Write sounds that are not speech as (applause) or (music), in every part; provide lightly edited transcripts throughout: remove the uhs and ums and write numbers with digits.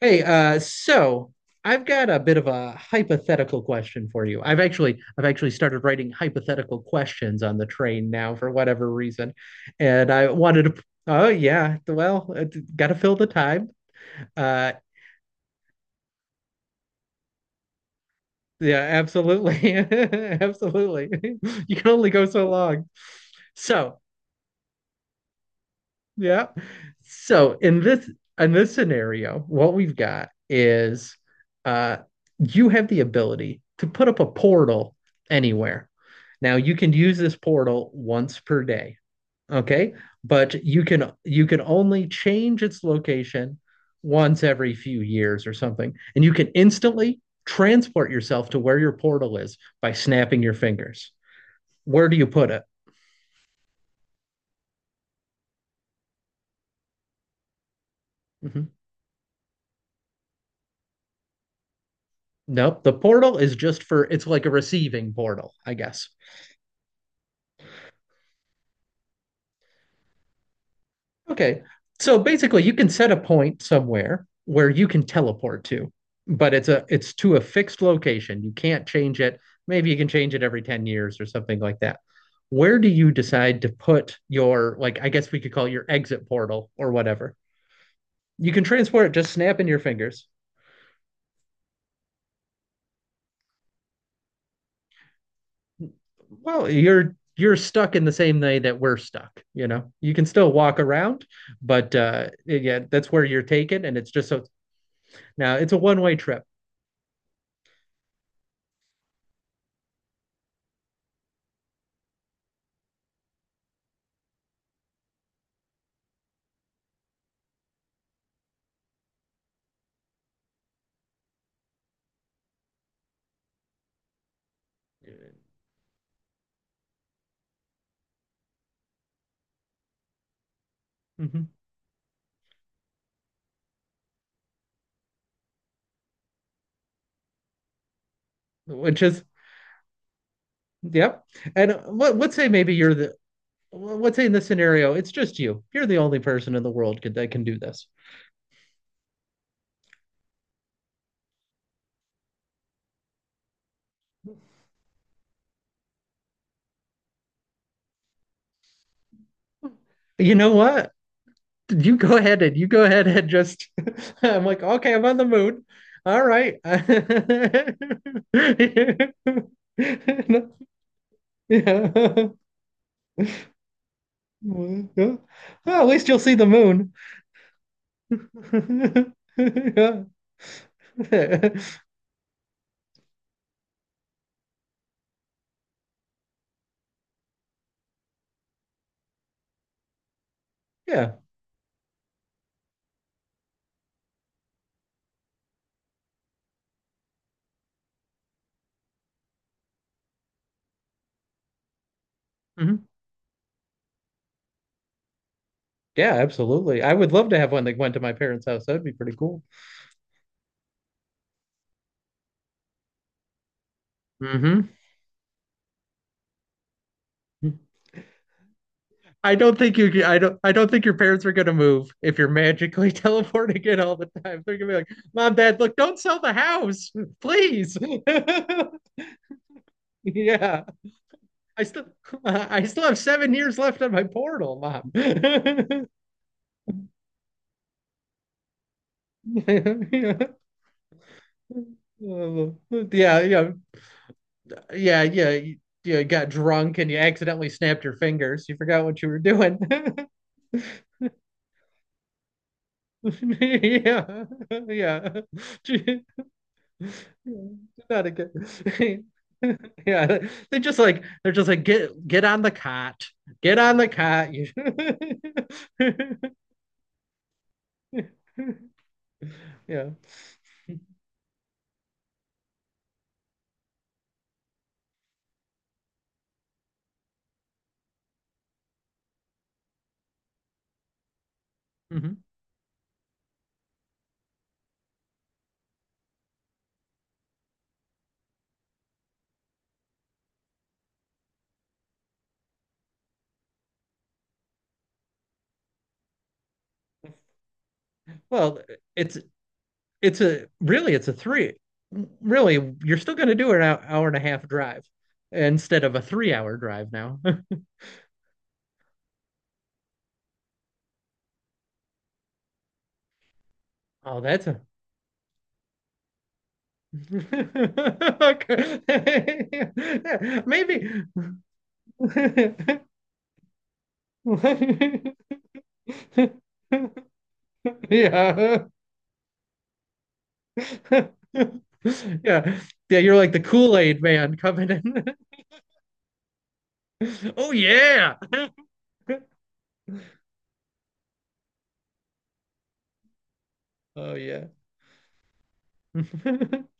Hey, so I've got a bit of a hypothetical question for you. I've actually started writing hypothetical questions on the train now for whatever reason, and I wanted to. Oh yeah, well, got to fill the time. Uh, yeah, absolutely, (laughs) absolutely. (laughs) You can only go so long. So, Yeah. So in this scenario, what we've got is uh you have the ability to put up a portal anywhere. Now you can use this portal once per day, okay? But you can only change its location once every few years or something. And you can instantly transport yourself to where your portal is by snapping your fingers. Where do you put it? Mhm. Nope. The portal is just for it's like a receiving portal, I guess. Okay. So basically you can set a point somewhere where you can teleport to, but it's to a fixed location. You can't change it. Maybe you can change it every 10 years or something like that. Where do you decide to put your, like, I guess we could call it your exit portal or whatever? You can transport it just snapping your fingers. Well, you're stuck in the same way that we're stuck, you know, you can still walk around, but yeah, that's where you're taken, and it's just so now it's a one-way trip. Mhm. Which is, yep. And what, let's say maybe you're the let's say in this scenario it's just you're the only person in the world that can do this. You know what, you go ahead and just (laughs) I'm like, okay, I'm on the moon, all right. (laughs) Yeah. Mm, yeah. Well, at least you'll see the moon. (laughs) Yeah. (laughs) Yeah. Hmm. Yeah, absolutely. I would love to have one that went to my parents' house. That'd be pretty cool. Hmm. I don't think you I don't think your parents are gonna move if you're magically (laughs) teleporting it all the time. They're gonna be like, Mom, Dad, look, don't sell the house, please. (laughs) Yeah. I still (laughs) I still have 7 years left on my portal, Mom. (laughs) Yeah. Uh, yeah, yeah. Yeah, yeah, you got drunk and you accidentally snapped your fingers. You forgot what you were doing. (laughs) Yeah, yeah. (laughs) Not a good. (laughs) Yeah, they just like they're just like get on the cot, get on the cot. You- (laughs) Yeah. Hmm. Well, it's it's a really it's a three. Really, you're still going to do an hour, hour and a half drive instead of a 3 hour drive now. (laughs) Oh, that's a. (laughs) Okay. (laughs) Maybe. (laughs) Yeah. (laughs) Yeah. Yeah, you're like the Kool-Aid man coming in. (laughs) Oh yeah. Oh yeah. (laughs)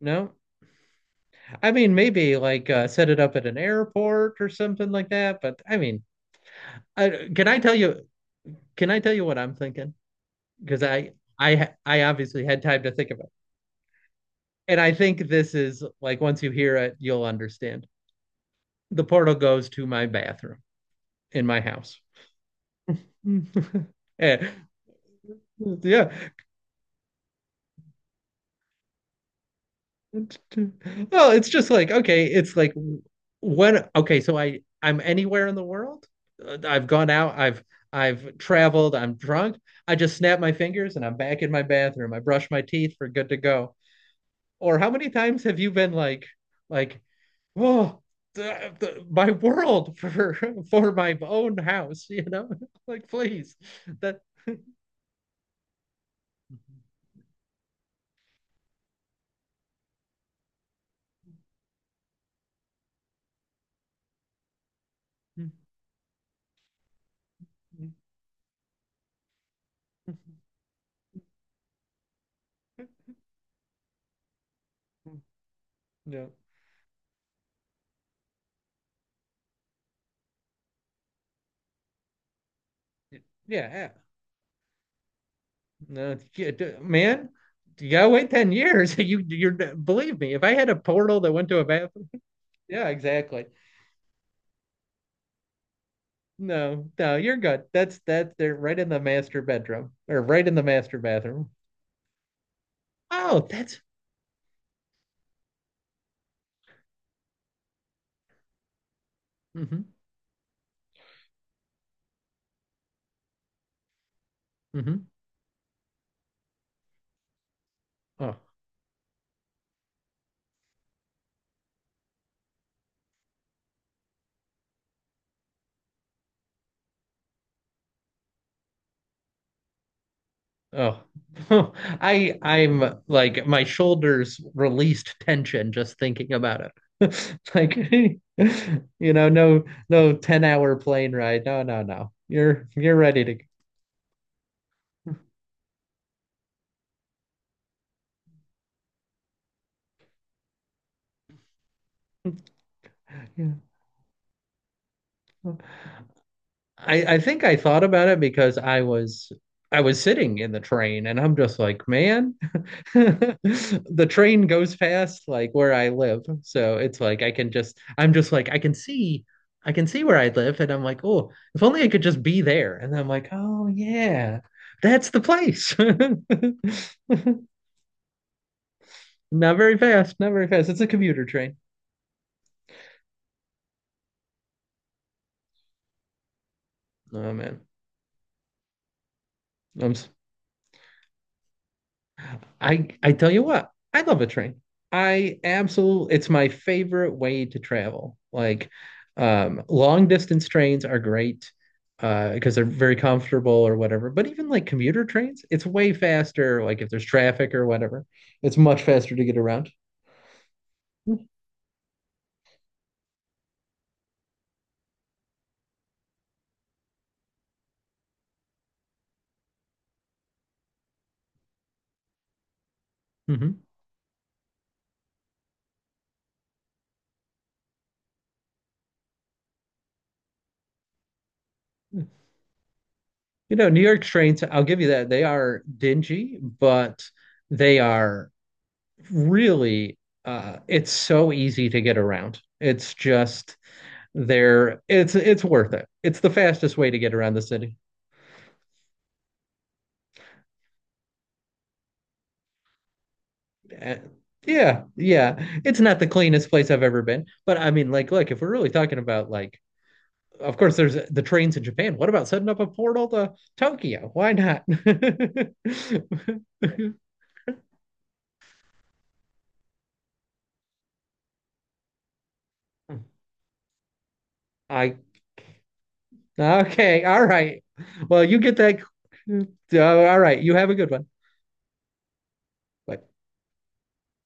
No. I mean, maybe like set it up at an airport or something like that, but I mean, I, can I tell you what I'm thinking? Because I obviously had time to think about. And I think this is like once you hear it, you'll understand. The portal goes to my bathroom in my house. (laughs) Eh, yeah. Well, it's just like, okay, it's like when, okay, so I'm anywhere in the world. I've gone out, I've traveled, I'm drunk. I just snap my fingers and I'm back in my bathroom. I brush my teeth, we're good to go. Or how many times have you been like, well, my world (laughs) for my own house, you know, (laughs) like please, that, (laughs) no, yeah, yeah, no, yeah, man, you gotta wait 10 years. (laughs) You, you're believe me, if I had a portal that went to a bathroom, (laughs) yeah, exactly. No, no, you're good. That's that. They're right in the master bedroom or right in the master bathroom. Oh, that's mm-hmm, mm-hmm. Oh, Oh, (laughs) I I'm like my shoulders released tension just thinking about it. (laughs) Like, (laughs) you know, no 10-hour plane ride. No, no, no. You're ready to (laughs) go. I think I thought about it because I was sitting in the train and I'm just like, man, (laughs) the train goes past like where I live. So it's like I'm just like I can see where I live and I'm like, oh, if only I could just be there. And I'm like, oh yeah, that's the place. (laughs) Not very fast, not very fast. It's a commuter train. Oh man. I'm s- I tell you what, I love a train. I absolutely, it's my favorite way to travel. Like, long distance trains are great because they're very comfortable or whatever. But even like commuter trains, it's way faster. Like if there's traffic or whatever, it's much faster to get around. Mm. Hmm. You know, New York trains, I'll give you that. They are dingy, but they are really it's so easy to get around. It's just they're it's worth it. It's the fastest way to get around the city. Uh, yeah, yeah. It's not the cleanest place I've ever been, but I mean, like, look, if we're really talking about like, of course, there's the trains in Japan. What about setting up a portal to Tokyo? Why not? (laughs) I Okay, all right. Well, you get that. Uh, all right, you have a good one. Bye.